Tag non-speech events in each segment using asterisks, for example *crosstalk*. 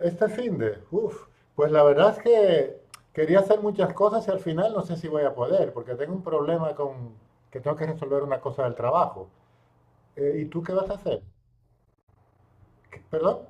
Este finde, uff, pues la verdad es que quería hacer muchas cosas y al final no sé si voy a poder, porque tengo un problema con que tengo que resolver una cosa del trabajo. ¿Y tú qué vas a hacer? ¿Perdón?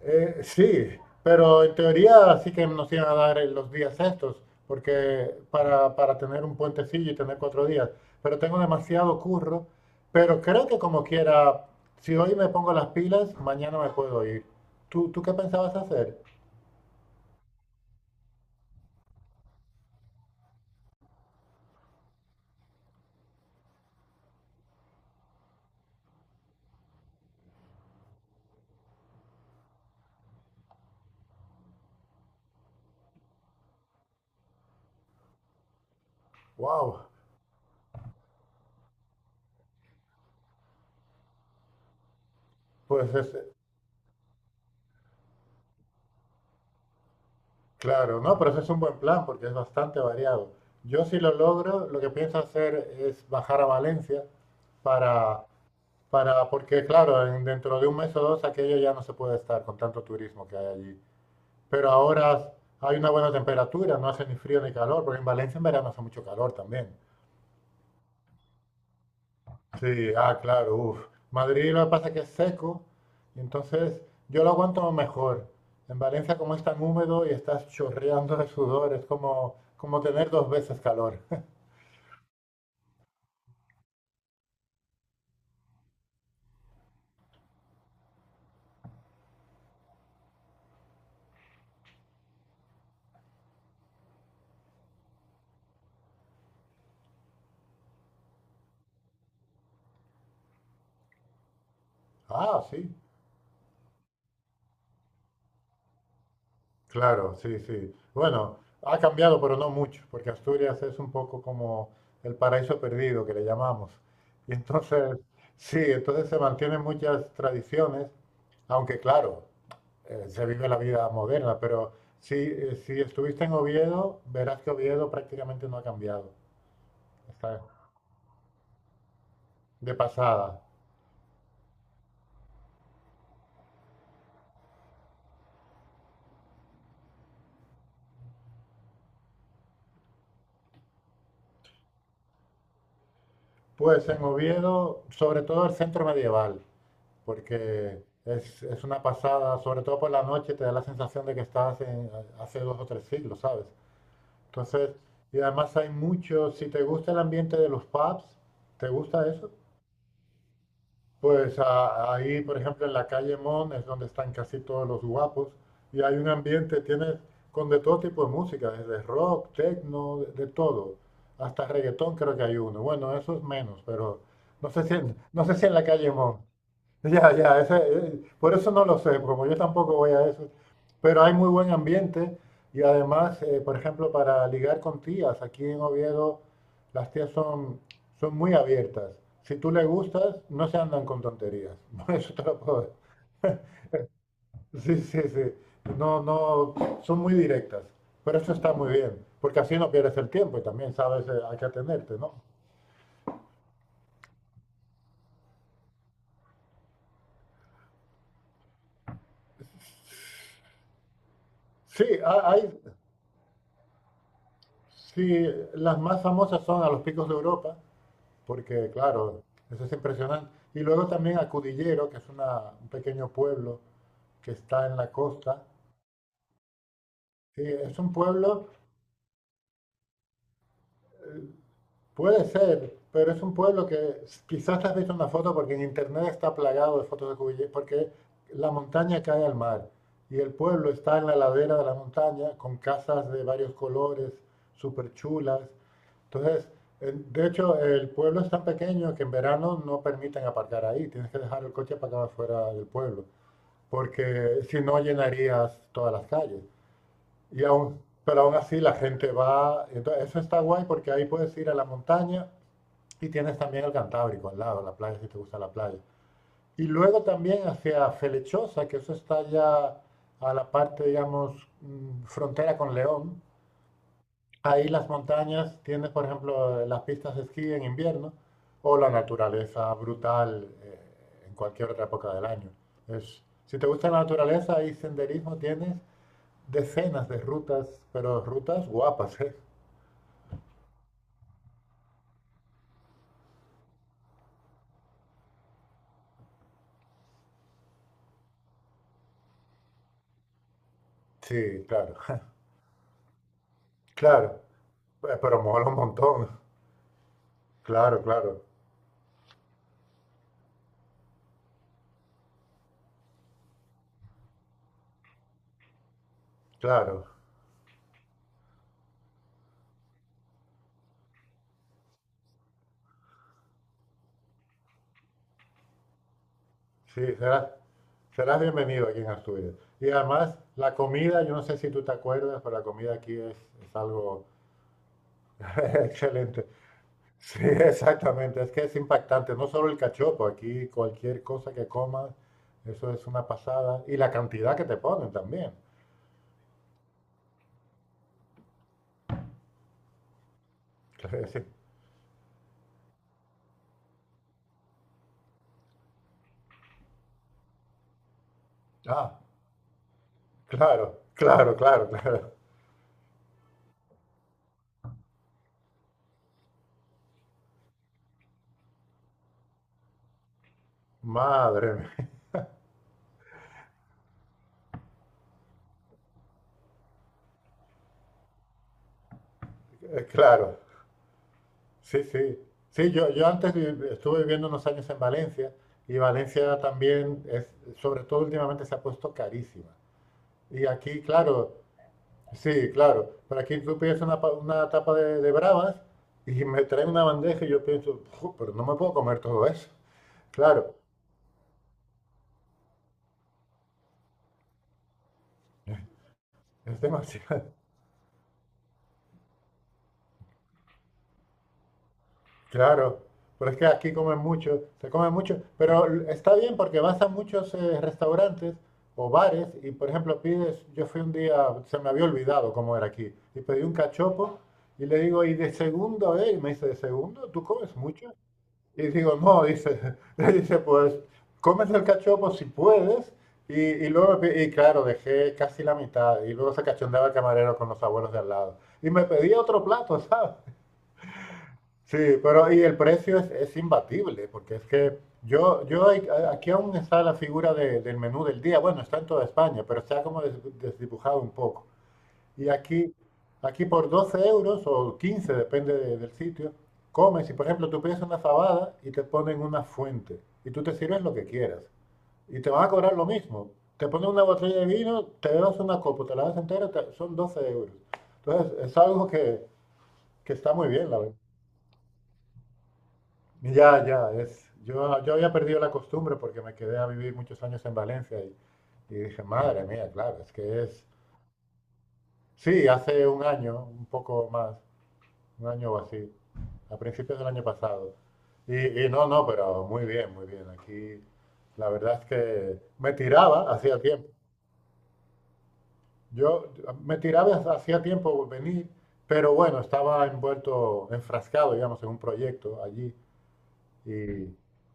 Sí, pero en teoría sí que nos iban a dar los días estos, porque para tener un puentecillo y tener 4 días, pero tengo demasiado curro, pero creo que como quiera, si hoy me pongo las pilas, mañana me puedo ir. ¿Tú qué pensabas hacer? Wow, pues. Claro, no, pero ese es un buen plan porque es bastante variado. Yo si lo logro, lo que pienso hacer es bajar a Valencia para, porque claro, dentro de un mes o dos aquello ya no se puede estar con tanto turismo que hay allí. Pero ahora hay una buena temperatura, no hace ni frío ni calor, porque en Valencia en verano hace mucho calor también. Sí, ah, claro, uff. Madrid lo que pasa es que es seco, y entonces yo lo aguanto mejor. En Valencia, como es tan húmedo y estás chorreando de sudor, es como tener dos veces calor. *laughs* Ah, sí, claro, sí, sí. Bueno, ha cambiado, pero no mucho, porque Asturias es un poco como el paraíso perdido que le llamamos. Y entonces, sí, entonces se mantienen muchas tradiciones, aunque claro, se vive la vida moderna, pero si estuviste en Oviedo, verás que Oviedo prácticamente no ha cambiado, está de pasada. Pues en Oviedo, sobre todo el centro medieval, porque es una pasada, sobre todo por la noche te da la sensación de que estás hace 2 o 3 siglos, ¿sabes? Entonces, y además hay mucho, si te gusta el ambiente de los pubs, ¿te gusta eso? Pues ahí, por ejemplo, en la calle Mon es donde están casi todos los guapos y hay un ambiente, tienes con de todo tipo de música, desde rock, techno, de todo, hasta reggaetón creo que hay uno. Bueno, eso es menos, pero no sé si en la calle Mon. *laughs* Ya, ya, ese, por eso no lo sé, porque yo tampoco voy a eso. Pero hay muy buen ambiente y además, por ejemplo, para ligar con tías, aquí en Oviedo las tías son, muy abiertas. Si tú le gustas, no se andan con tonterías. *laughs* Eso te lo puedo decir. Sí, sí, sí. No, no, son muy directas. Pero eso está muy bien, porque así no pierdes el tiempo y también sabes a qué atenderte, ¿no? Sí, hay, sí, las más famosas son a los picos de Europa. Porque claro, eso es impresionante. Y luego también a Cudillero, que es un pequeño pueblo que está en la costa. Sí, es un pueblo, puede ser, pero es un pueblo que quizás te has visto una foto porque en internet está plagado de fotos de Cudillero, porque la montaña cae al mar y el pueblo está en la ladera de la montaña con casas de varios colores, súper chulas. Entonces, de hecho, el pueblo es tan pequeño que en verano no permiten aparcar ahí, tienes que dejar el coche para acá afuera del pueblo, porque si no llenarías todas las calles. Pero aún así la gente va, entonces eso está guay porque ahí puedes ir a la montaña y tienes también el Cantábrico al lado, la playa, si te gusta la playa. Y luego también hacia Felechosa, que eso está ya a la parte, digamos, frontera con León. Ahí las montañas, tienes por ejemplo las pistas de esquí en invierno o la naturaleza brutal en cualquier otra época del año. Si te gusta la naturaleza, ahí senderismo tienes decenas de rutas, pero rutas guapas, ¿eh? Sí, claro, *laughs* claro, pero mola un montón, claro, claro, claro, sí, serás bienvenido aquí en Asturias. Y además, la comida, yo no sé si tú te acuerdas, pero la comida aquí es algo *laughs* excelente. Sí, exactamente, es que es impactante, no solo el cachopo, aquí cualquier cosa que comas, eso es una pasada, y la cantidad que te ponen también. *laughs* Sí. Ah, claro, claro, claro, claro. Madre mía, *laughs* claro, sí, sí. Sí, yo antes estuve viviendo unos años en Valencia y Valencia también es, sobre todo últimamente se ha puesto carísima. Y aquí, claro, sí, claro, pero aquí tú pides una tapa de bravas y me traen una bandeja y yo pienso, "Ju, pero no me puedo comer todo eso. Claro, es demasiado. Claro, pero es que aquí comen mucho, se come mucho, pero está bien porque vas a muchos restaurantes o bares y, por ejemplo, pides, yo fui un día, se me había olvidado cómo era aquí, y pedí un cachopo y le digo, ¿y de segundo? A él? Y me dice, ¿de segundo? ¿Tú comes mucho? Y digo, no, dice, *laughs* le dice, pues, comes el cachopo si puedes. Y luego, y claro, dejé casi la mitad y luego se cachondeaba el camarero con los abuelos de al lado. Y me pedía otro plato, *laughs* ¿sabes? Sí, pero y el precio es imbatible, porque es que yo aquí aún está la figura del menú del día. Bueno, está en toda España, pero está como desdibujado un poco. Y aquí por 12 euros o 15, depende del sitio, comes y por ejemplo tú pides una fabada y te ponen una fuente y tú te sirves lo que quieras. Y te van a cobrar lo mismo. Te ponen una botella de vino, te bebas una copa, te la das entera, son 12 euros. Entonces es algo que está muy bien, la verdad. Ya, ya, es. Yo había perdido la costumbre porque me quedé a vivir muchos años en Valencia y, dije, madre mía, claro, es que es. Sí, hace un año, un poco más, un año o así, a principios del año pasado. Y no, no, pero muy bien, muy bien. Aquí la verdad es que me tiraba hacía tiempo. Yo me tiraba hacía tiempo venir, pero bueno, estaba envuelto, enfrascado, digamos, en un proyecto allí. Y,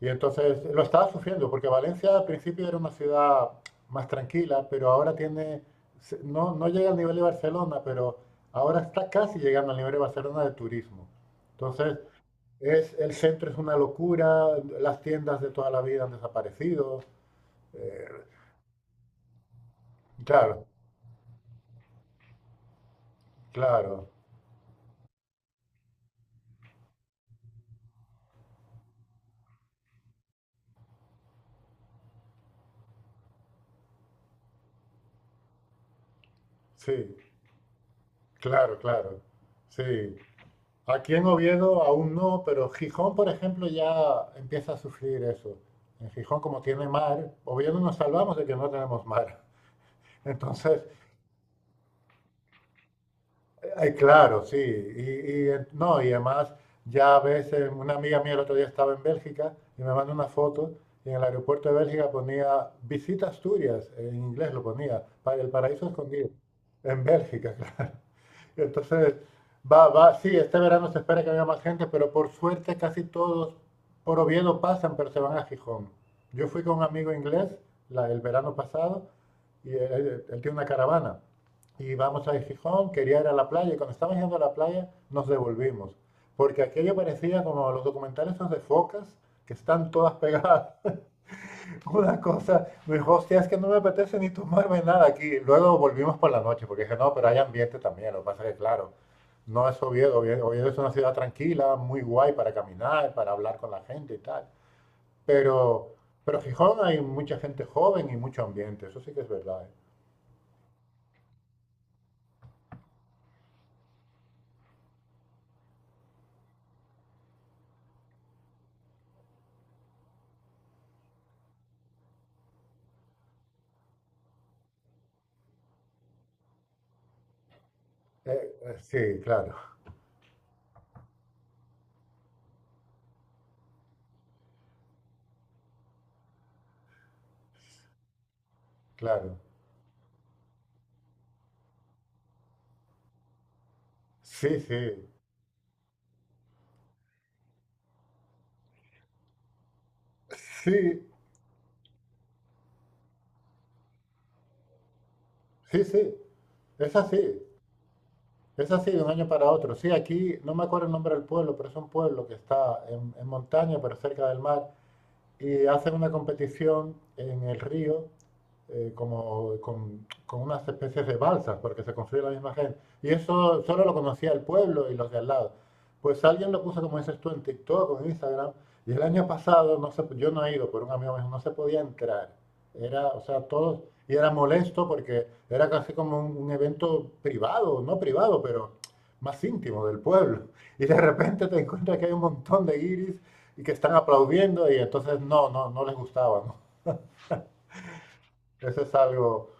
y entonces lo estaba sufriendo, porque Valencia al principio era una ciudad más tranquila, pero ahora tiene, no, no llega al nivel de Barcelona, pero ahora está casi llegando al nivel de Barcelona de turismo. Entonces, el centro es una locura, las tiendas de toda la vida han desaparecido. eh, claro, claro, sí, claro, claro, sí. Aquí en Oviedo aún no, pero Gijón, por ejemplo, ya empieza a sufrir eso. En Gijón, como tiene mar, Oviedo nos salvamos de que no tenemos mar. *laughs* Entonces, claro, sí. Y, no, y además, ya a veces, una amiga mía el otro día estaba en Bélgica y me mandó una foto y en el aeropuerto de Bélgica ponía visita Asturias, en inglés lo ponía, para el paraíso escondido, en Bélgica, *laughs* claro. Entonces, va, va, sí, este verano se espera que haya más gente, pero por suerte casi todos por Oviedo pasan, pero se van a Gijón. Yo fui con un amigo inglés el verano pasado y él tiene una caravana. Y vamos a Gijón, quería ir a la playa y cuando estábamos yendo a la playa nos devolvimos. Porque aquello parecía como los documentales esos de focas que están todas *laughs* pegadas una cosa, me dijo, hostia, es que no me apetece ni tomarme nada aquí. Luego volvimos por la noche, porque dije, no, pero hay ambiente también. Lo que pasa es que, claro, no es Oviedo. Oviedo es una ciudad tranquila, muy guay para caminar, para hablar con la gente y tal. Pero, pero Gijón hay mucha gente joven y mucho ambiente, eso sí que es verdad, ¿eh? Sí, claro, claro. Sí, sí, sí, sí, sí, es así. Es así de un año para otro. Sí, aquí no me acuerdo el nombre del pueblo, pero es un pueblo que está en montaña, pero cerca del mar y hacen una competición en el río como, con unas especies de balsas, porque se construye la misma gente. Y eso solo lo conocía el pueblo y los de al lado. Pues alguien lo puso, como dices tú, en TikTok o en Instagram, y el año pasado, yo no he ido, pero un amigo me dijo, no se podía entrar. Era, o sea, todos, y era molesto porque era casi como un evento privado, no privado, pero más íntimo del pueblo. *laughs* Y de repente te encuentras que hay un montón de guiris y que están aplaudiendo y entonces no, no, no les gustaba, ¿no? Eso es algo,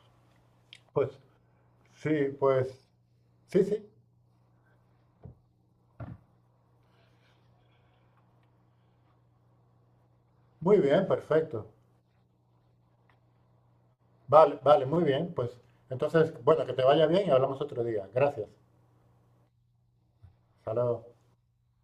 pues sí, pues sí, sí, muy bien, perfecto. Vale, vale, muy bien, pues entonces, bueno, que te vaya bien y hablamos otro día. Gracias. Hasta luego.